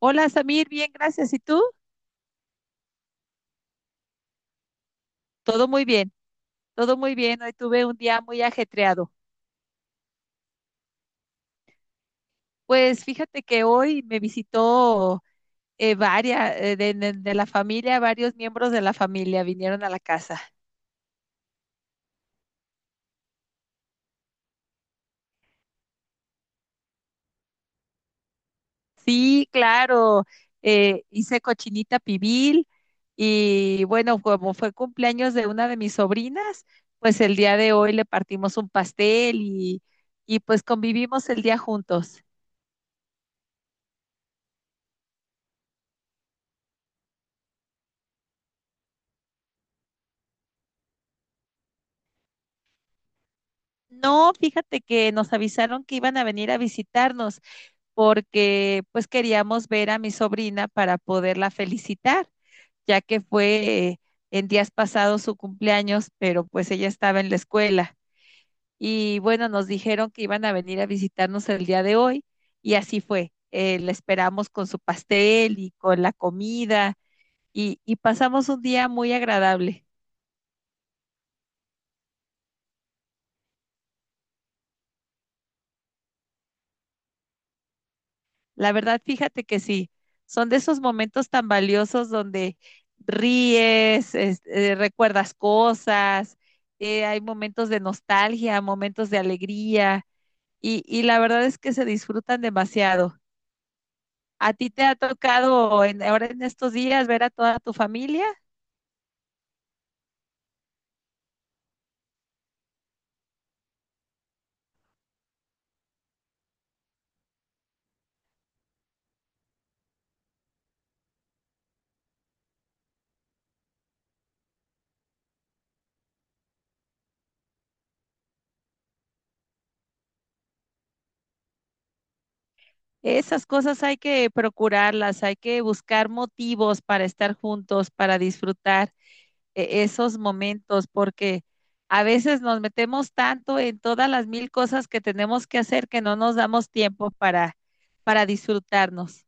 Hola Samir, bien, gracias. ¿Y tú? Todo muy bien, todo muy bien. Hoy tuve un día muy ajetreado. Pues fíjate que hoy me visitó varias de la familia, varios miembros de la familia vinieron a la casa. Sí, claro, hice cochinita pibil y bueno, como fue cumpleaños de una de mis sobrinas, pues el día de hoy le partimos un pastel y pues convivimos el día juntos. No, fíjate que nos avisaron que iban a venir a visitarnos porque pues queríamos ver a mi sobrina para poderla felicitar, ya que fue en días pasados su cumpleaños, pero pues ella estaba en la escuela. Y bueno, nos dijeron que iban a venir a visitarnos el día de hoy y así fue. La esperamos con su pastel y con la comida y pasamos un día muy agradable. La verdad, fíjate que sí, son de esos momentos tan valiosos donde ríes, recuerdas cosas, hay momentos de nostalgia, momentos de alegría y la verdad es que se disfrutan demasiado. ¿A ti te ha tocado ahora en estos días ver a toda tu familia? Esas cosas hay que procurarlas, hay que buscar motivos para estar juntos, para disfrutar esos momentos, porque a veces nos metemos tanto en todas las mil cosas que tenemos que hacer que no nos damos tiempo para disfrutarnos.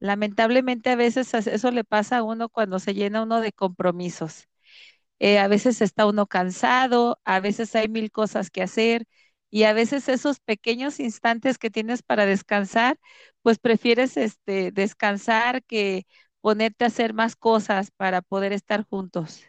Lamentablemente a veces eso le pasa a uno cuando se llena uno de compromisos. A veces está uno cansado, a veces hay mil cosas que hacer y a veces esos pequeños instantes que tienes para descansar, pues prefieres este descansar que ponerte a hacer más cosas para poder estar juntos.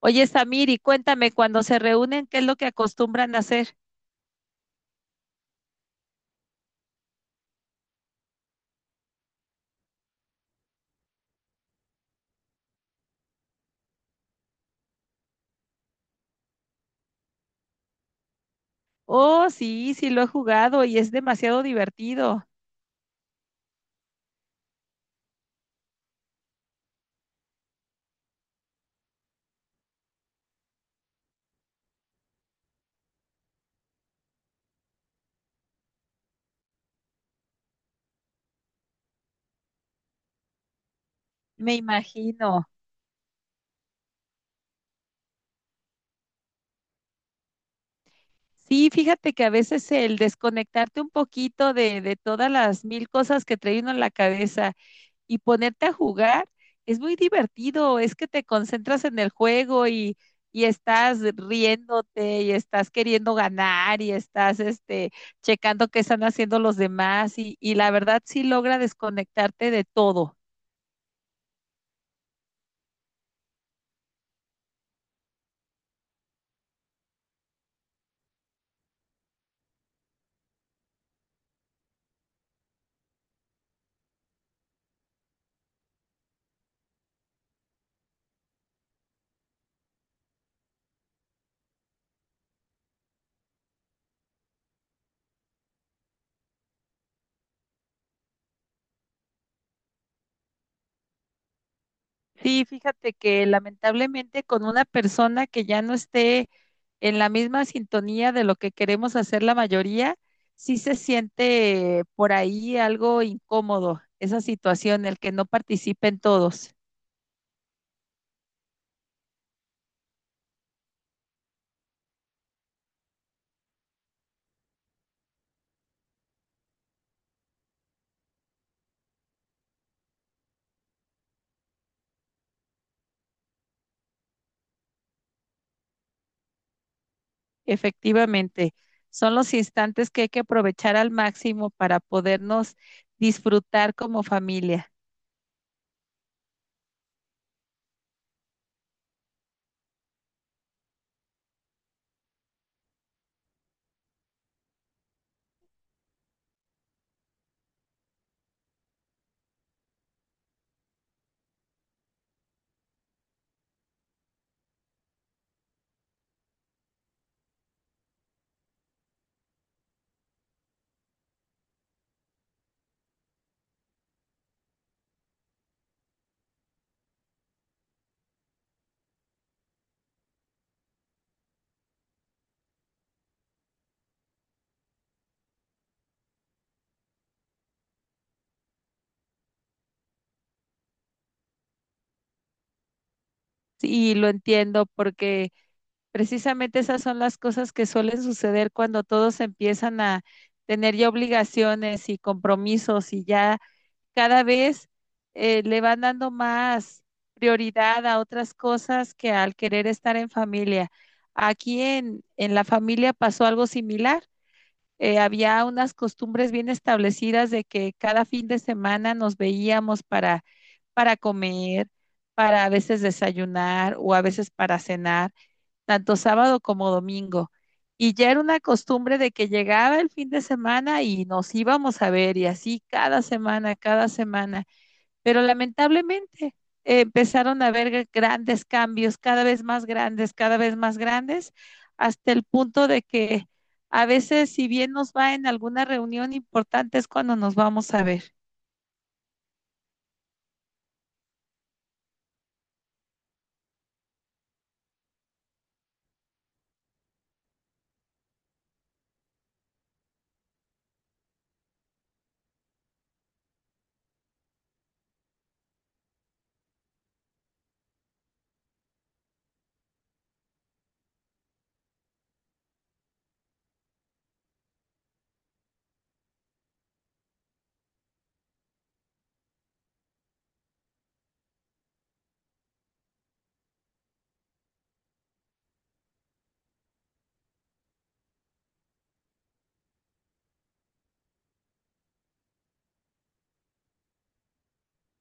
Oye, Samir, y cuéntame, cuando se reúnen, ¿qué es lo que acostumbran a hacer? Oh, sí, sí lo he jugado y es demasiado divertido, me imagino. Sí, fíjate que a veces el desconectarte un poquito de todas las mil cosas que trae uno en la cabeza y ponerte a jugar es muy divertido, es que te concentras en el juego y estás riéndote y estás queriendo ganar y estás este, checando qué están haciendo los demás y la verdad sí logra desconectarte de todo. Sí, fíjate que lamentablemente con una persona que ya no esté en la misma sintonía de lo que queremos hacer la mayoría, sí se siente por ahí algo incómodo esa situación, el que no participen todos. Efectivamente, son los instantes que hay que aprovechar al máximo para podernos disfrutar como familia. Y lo entiendo porque precisamente esas son las cosas que suelen suceder cuando todos empiezan a tener ya obligaciones y compromisos y ya cada vez le van dando más prioridad a otras cosas que al querer estar en familia. Aquí en la familia pasó algo similar. Eh, había unas costumbres bien establecidas de que cada fin de semana nos veíamos para comer, para a veces desayunar o a veces para cenar, tanto sábado como domingo. Y ya era una costumbre de que llegaba el fin de semana y nos íbamos a ver y así cada semana, cada semana, pero lamentablemente empezaron a haber grandes cambios, cada vez más grandes, cada vez más grandes, hasta el punto de que a veces, si bien nos va en alguna reunión importante, es cuando nos vamos a ver.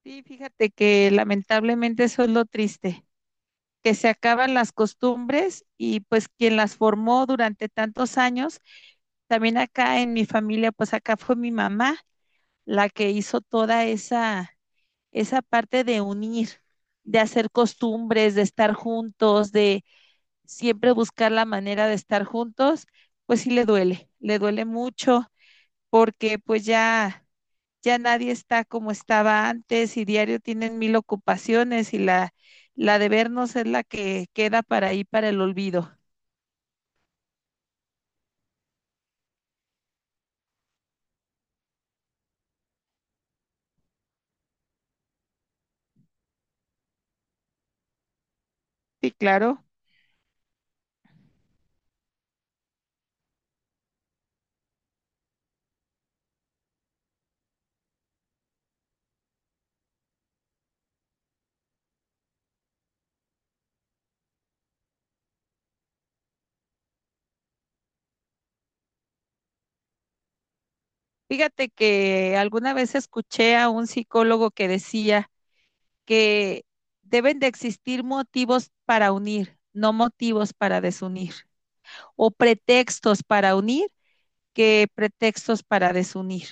Sí, fíjate que lamentablemente eso es lo triste, que se acaban las costumbres y pues quien las formó durante tantos años, también acá en mi familia, pues acá fue mi mamá la que hizo toda esa parte de unir, de hacer costumbres, de estar juntos, de siempre buscar la manera de estar juntos, pues sí le duele mucho porque ya nadie está como estaba antes y diario tienen mil ocupaciones y la de vernos es la que queda para ahí para el olvido. Sí, claro. Fíjate que alguna vez escuché a un psicólogo que decía que deben de existir motivos para unir, no motivos para desunir, o pretextos para unir que pretextos para desunir.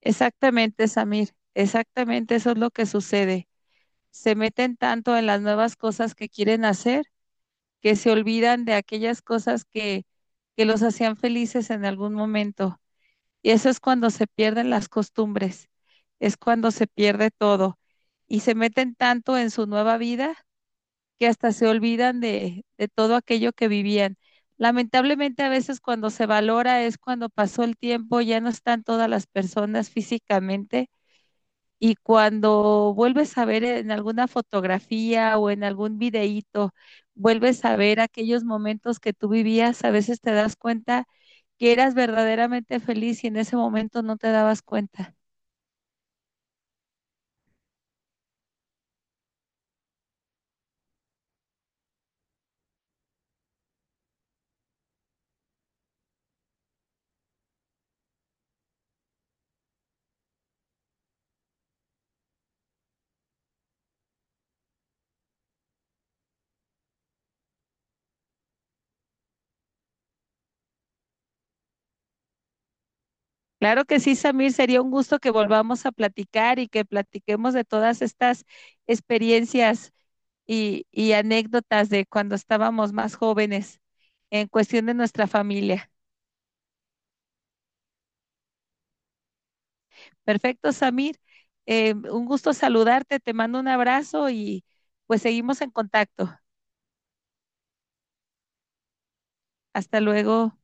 Exactamente, Samir, exactamente eso es lo que sucede. Se meten tanto en las nuevas cosas que quieren hacer que se olvidan de aquellas que los hacían felices en algún momento. Y eso es cuando se pierden las costumbres, es cuando se pierde todo y se meten tanto en su nueva vida que hasta se olvidan de todo aquello que vivían. Lamentablemente a veces cuando se valora es cuando pasó el tiempo, ya no están todas las personas físicamente y cuando vuelves a ver en alguna fotografía o en algún videíto, vuelves a ver aquellos momentos que tú vivías, a veces te das cuenta que eras verdaderamente feliz y en ese momento no te dabas cuenta. Claro que sí, Samir, sería un gusto que volvamos a platicar y que platiquemos de todas estas experiencias y anécdotas de cuando estábamos más jóvenes en cuestión de nuestra familia. Perfecto, Samir. Un gusto saludarte, te mando un abrazo y pues seguimos en contacto. Hasta luego.